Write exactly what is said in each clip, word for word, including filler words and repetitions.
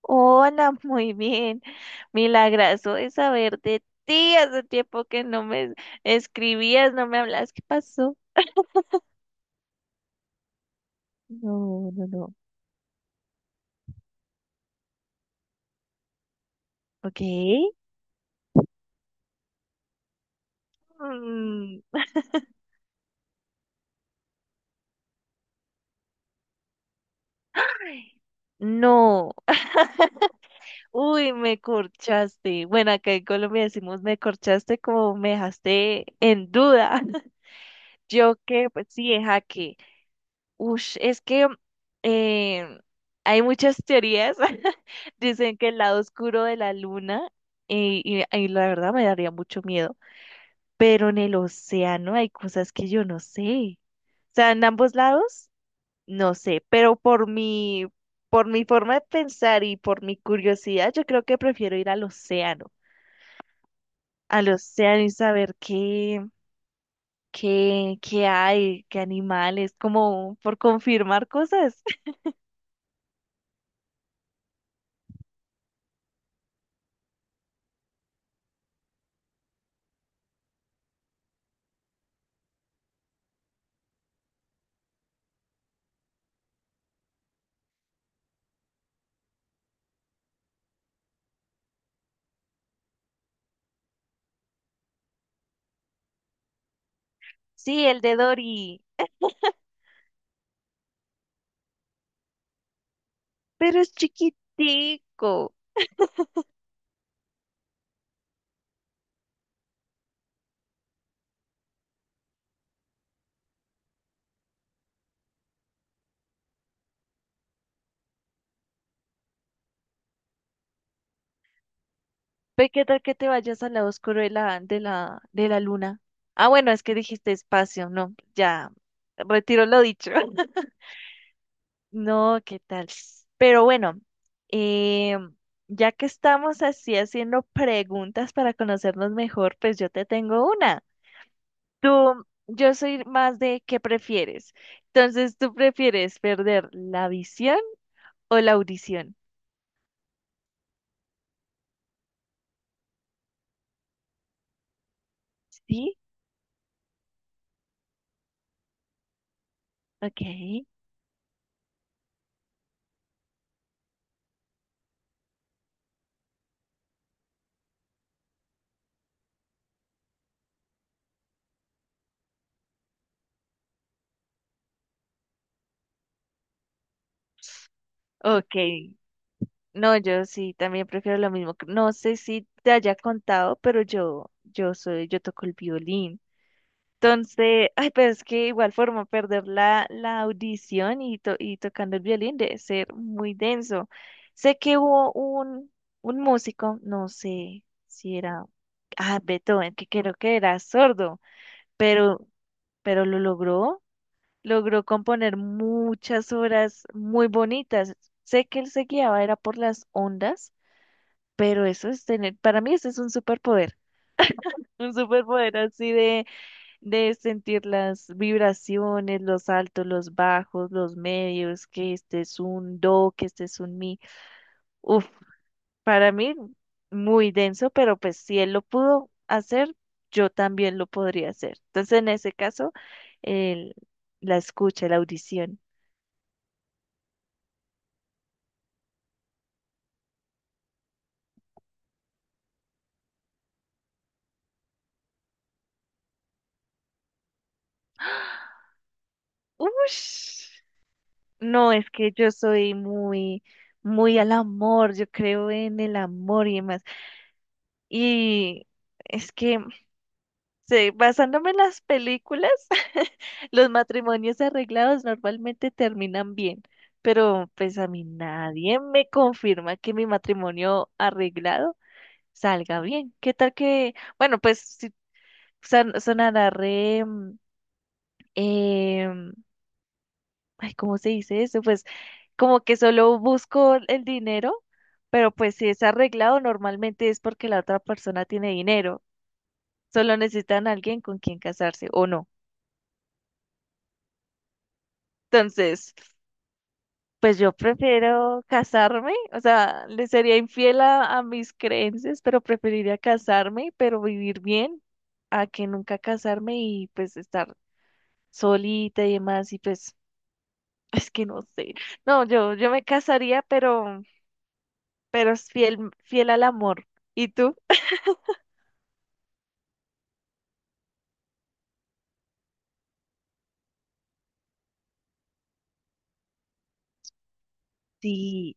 Hola, muy bien. Milagroso de saber de ti. Hace tiempo que no me escribías, no me hablas. ¿Qué pasó? No, no, no. Ok. Mm, no. Uy, me corchaste. Bueno, acá en Colombia decimos me corchaste como me dejaste en duda. Yo que, pues sí, es jaque. Ush, es que eh, hay muchas teorías. Dicen que el lado oscuro de la luna, eh, y, y la verdad me daría mucho miedo, pero en el océano hay cosas que yo no sé. O sea, en ambos lados, no sé, pero por mi, por mi forma de pensar y por mi curiosidad, yo creo que prefiero ir al océano, al océano y saber qué, qué, qué hay, qué animales, como por confirmar cosas. Sí, el de Dory. Pero es chiquitico. Ve qué tal que te vayas al lado oscuro de la, de la, de la luna. Ah, bueno, es que dijiste espacio, no, ya, retiro lo dicho. No, qué tal. Pero bueno, eh, ya que estamos así haciendo preguntas para conocernos mejor, pues yo te tengo una. Tú, yo soy más de qué prefieres. Entonces, ¿tú prefieres perder la visión o la audición? Sí, ok, ok. No, yo sí, también prefiero lo mismo. No sé si te haya contado, pero yo, yo soy, yo toco el violín. Entonces, ay, pero es que igual forma perder la, la audición y, to- y tocando el violín debe ser muy denso. Sé que hubo un, un músico, no sé si era, ah, Beethoven, que creo que era sordo, pero, pero lo logró, logró componer muchas obras muy bonitas. Sé que él se guiaba, era por las ondas pero eso es tener, para mí eso es un superpoder, un superpoder así de, de sentir las vibraciones, los altos, los bajos, los medios, que este es un do, que este es un mi. Uf, para mí muy denso, pero pues si él lo pudo hacer, yo también lo podría hacer. Entonces en ese caso, el- la escucha, la audición. Ush, no, es que yo soy muy, muy al amor, yo creo en el amor y demás. Y es que, sí, basándome en las películas, los matrimonios arreglados normalmente terminan bien, pero pues a mí nadie me confirma que mi matrimonio arreglado salga bien. ¿Qué tal que, bueno, pues si son, sonará re, mm, em, ay, ¿cómo se dice eso? Pues como que solo busco el dinero, pero pues si es arreglado normalmente es porque la otra persona tiene dinero. Solo necesitan alguien con quien casarse o no. Entonces, pues yo prefiero casarme, o sea, le sería infiel a, a mis creencias, pero preferiría casarme, pero vivir bien, a que nunca casarme y pues estar solita y demás, y pues es que no sé. No, yo, yo me casaría, pero, pero es fiel, fiel al amor. ¿Y tú? Sí,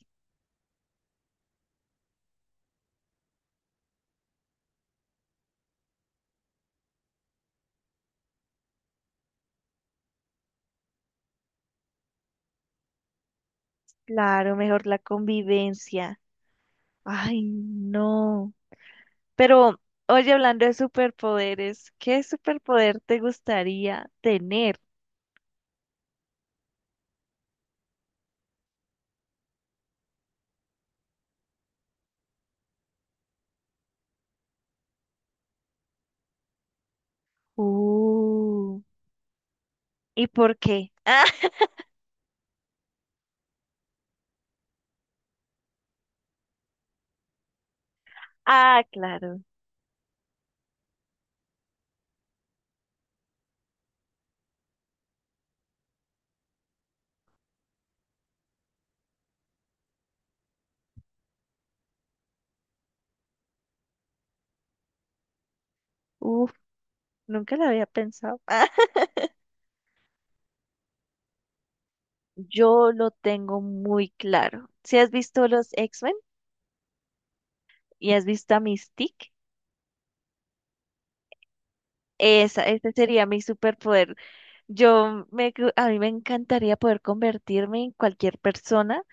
claro, mejor la convivencia. Ay, no. Pero, oye, hablando de superpoderes, ¿qué superpoder te gustaría tener? Uh, ¿y por qué? Ah, claro. Uf, nunca lo había pensado. Yo lo tengo muy claro. Si has visto los X-Men y has visto a Mystique, esa, ese sería mi superpoder. Yo me, cu- a mí me encantaría poder convertirme en cualquier persona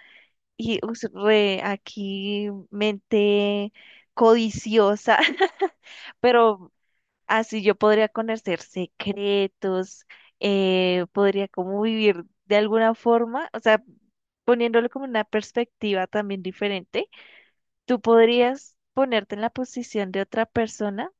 y us- re aquí mente codiciosa, pero así yo podría conocer secretos, eh, podría como vivir de alguna forma, o sea, poniéndolo como una perspectiva también diferente, tú podrías ponerte en la posición de otra persona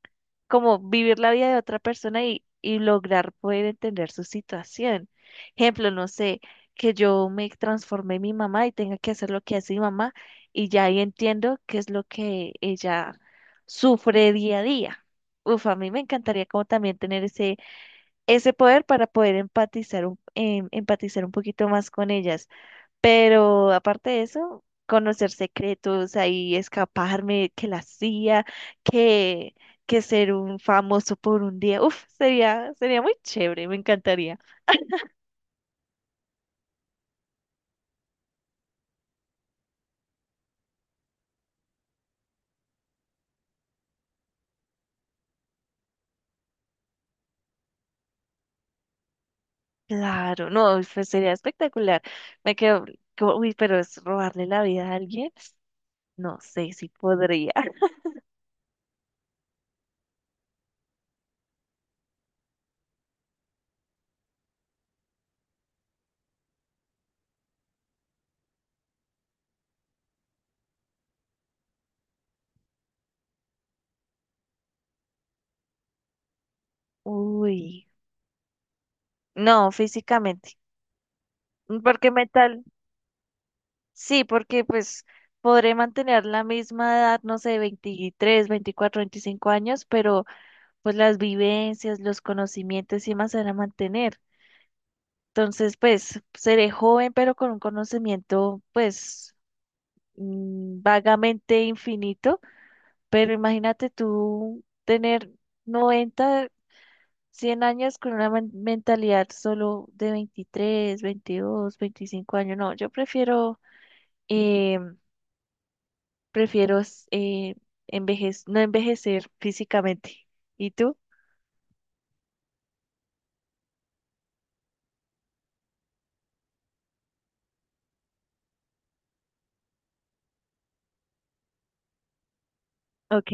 como vivir la vida de otra persona y, y lograr poder entender su situación. Ejemplo, no sé, que yo me transformé en mi mamá y tenga que hacer lo que hace mi mamá y ya ahí entiendo qué es lo que ella sufre día a día. Uf, a mí me encantaría como también tener ese, ese poder para poder empatizar un, em- empatizar un poquito más con ellas. Pero aparte de eso, conocer secretos, ahí escaparme, que la C I A, que, que ser un famoso por un día, uf, sería, sería muy chévere, me encantaría. Claro, no, pues sería espectacular. Me quedo, como, uy, pero es robarle la vida a alguien, no sé si podría. Uy, no, físicamente, porque mental, sí, porque pues podré mantener la misma edad, no sé, veintitrés veinticuatro veinticinco años, pero pues las vivencias, los conocimientos y más se van a mantener. Entonces, pues seré joven, pero con un conocimiento, pues mm, vagamente infinito. Pero imagínate tú tener noventa, cien años con una men- mentalidad solo de veintitrés, veintidós, veinticinco años. No, yo prefiero, eh, prefiero eh, envejec- no envejecer físicamente. ¿Y tú? Ok,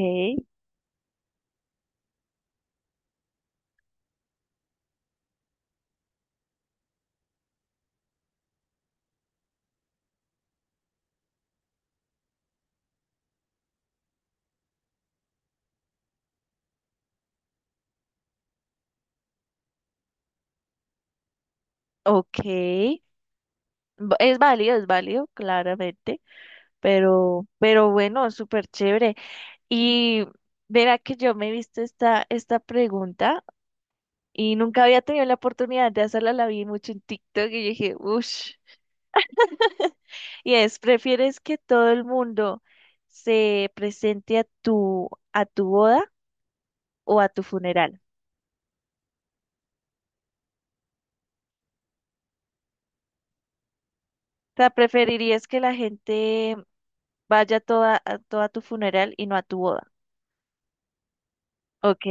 ok. Va- Es válido, es válido, claramente, pero, pero bueno, es súper chévere. Y verá que yo me he visto esta, esta pregunta y nunca había tenido la oportunidad de hacerla, la vi mucho en TikTok y yo dije, uff, y es, ¿prefieres que todo el mundo se presente a tu, a tu boda o a tu funeral? O sea, ¿preferirías que la gente vaya toda, a, toda a tu funeral y no a tu boda? Ok.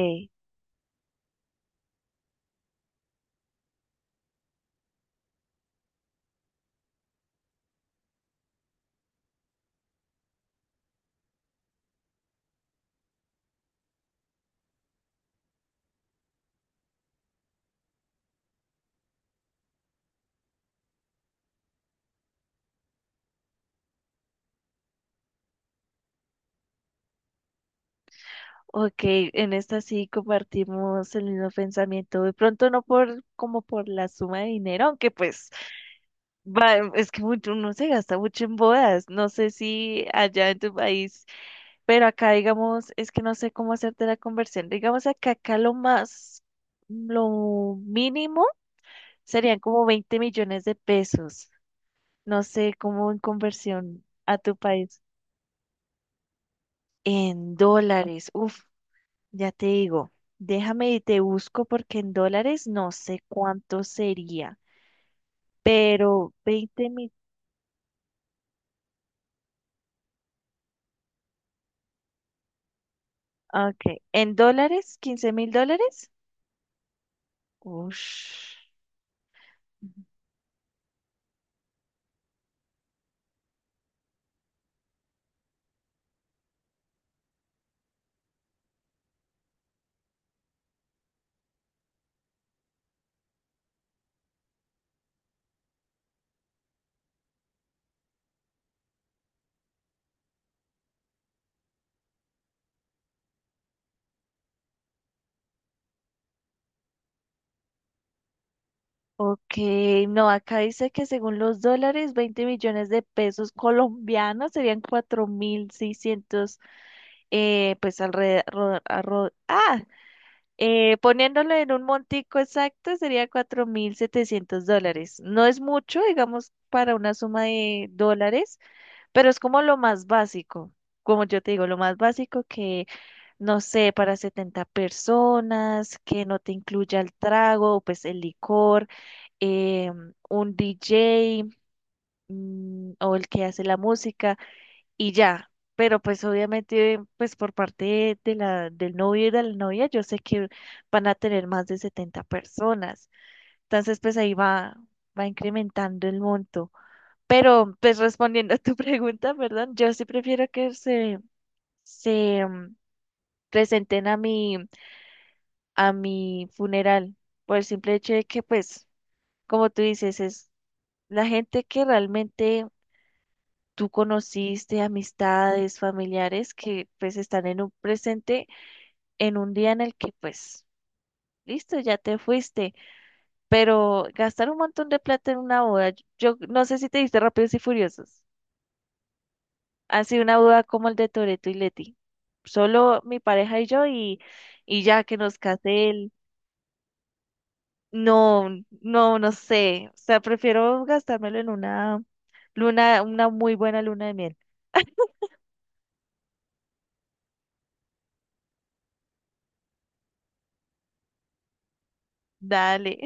Ok, en esta sí compartimos el mismo pensamiento. De pronto no por como por la suma de dinero, aunque pues va, em, es que mucho, uno se gasta mucho en bodas. No sé si allá en tu país, pero acá digamos, es que no sé cómo hacerte la conversión. Digamos acá, acá lo más, lo mínimo serían como veinte millones de pesos. No sé cómo en conversión a tu país. En dólares. Uf, ya te digo, déjame y te busco porque en dólares no sé cuánto sería, pero veinte mil, ah, ok, en dólares, quince mil dólares. Ush. Ok, no, acá dice que según los dólares, veinte millones de pesos colombianos serían cuatro mil seiscientos, eh, pues alrededor, Eh, poniéndolo en un montico exacto sería cuatro mil setecientos dólares. No es mucho, digamos, para una suma de dólares, pero es como lo más básico. Como yo te digo, lo más básico que, no sé, para setenta personas, que no te incluya el trago, pues el licor, em, un D J, mm, o el que hace la música y ya. Pero pues obviamente, pues por parte de, de la, del novio y de la novia, yo sé que van a tener más de setenta personas. Entonces, pues ahí va, va incrementando el monto. Pero pues respondiendo a tu pregunta, perdón, yo sí prefiero que se, se mm, presenten a mi, a mi funeral, por el simple hecho de que, pues, como tú dices, es la gente que realmente tú conociste, amistades, familiares que pues están en un presente en un día en el que pues, listo, ya te fuiste, pero gastar un montón de plata en una boda, yo yo no sé si te diste Rápidos y Furiosos, así una boda como el de Toretto y Leti, solo mi pareja y yo y, y ya que nos case él, no, no, no sé, o sea, prefiero gastármelo en una luna, una muy buena luna de miel, dale.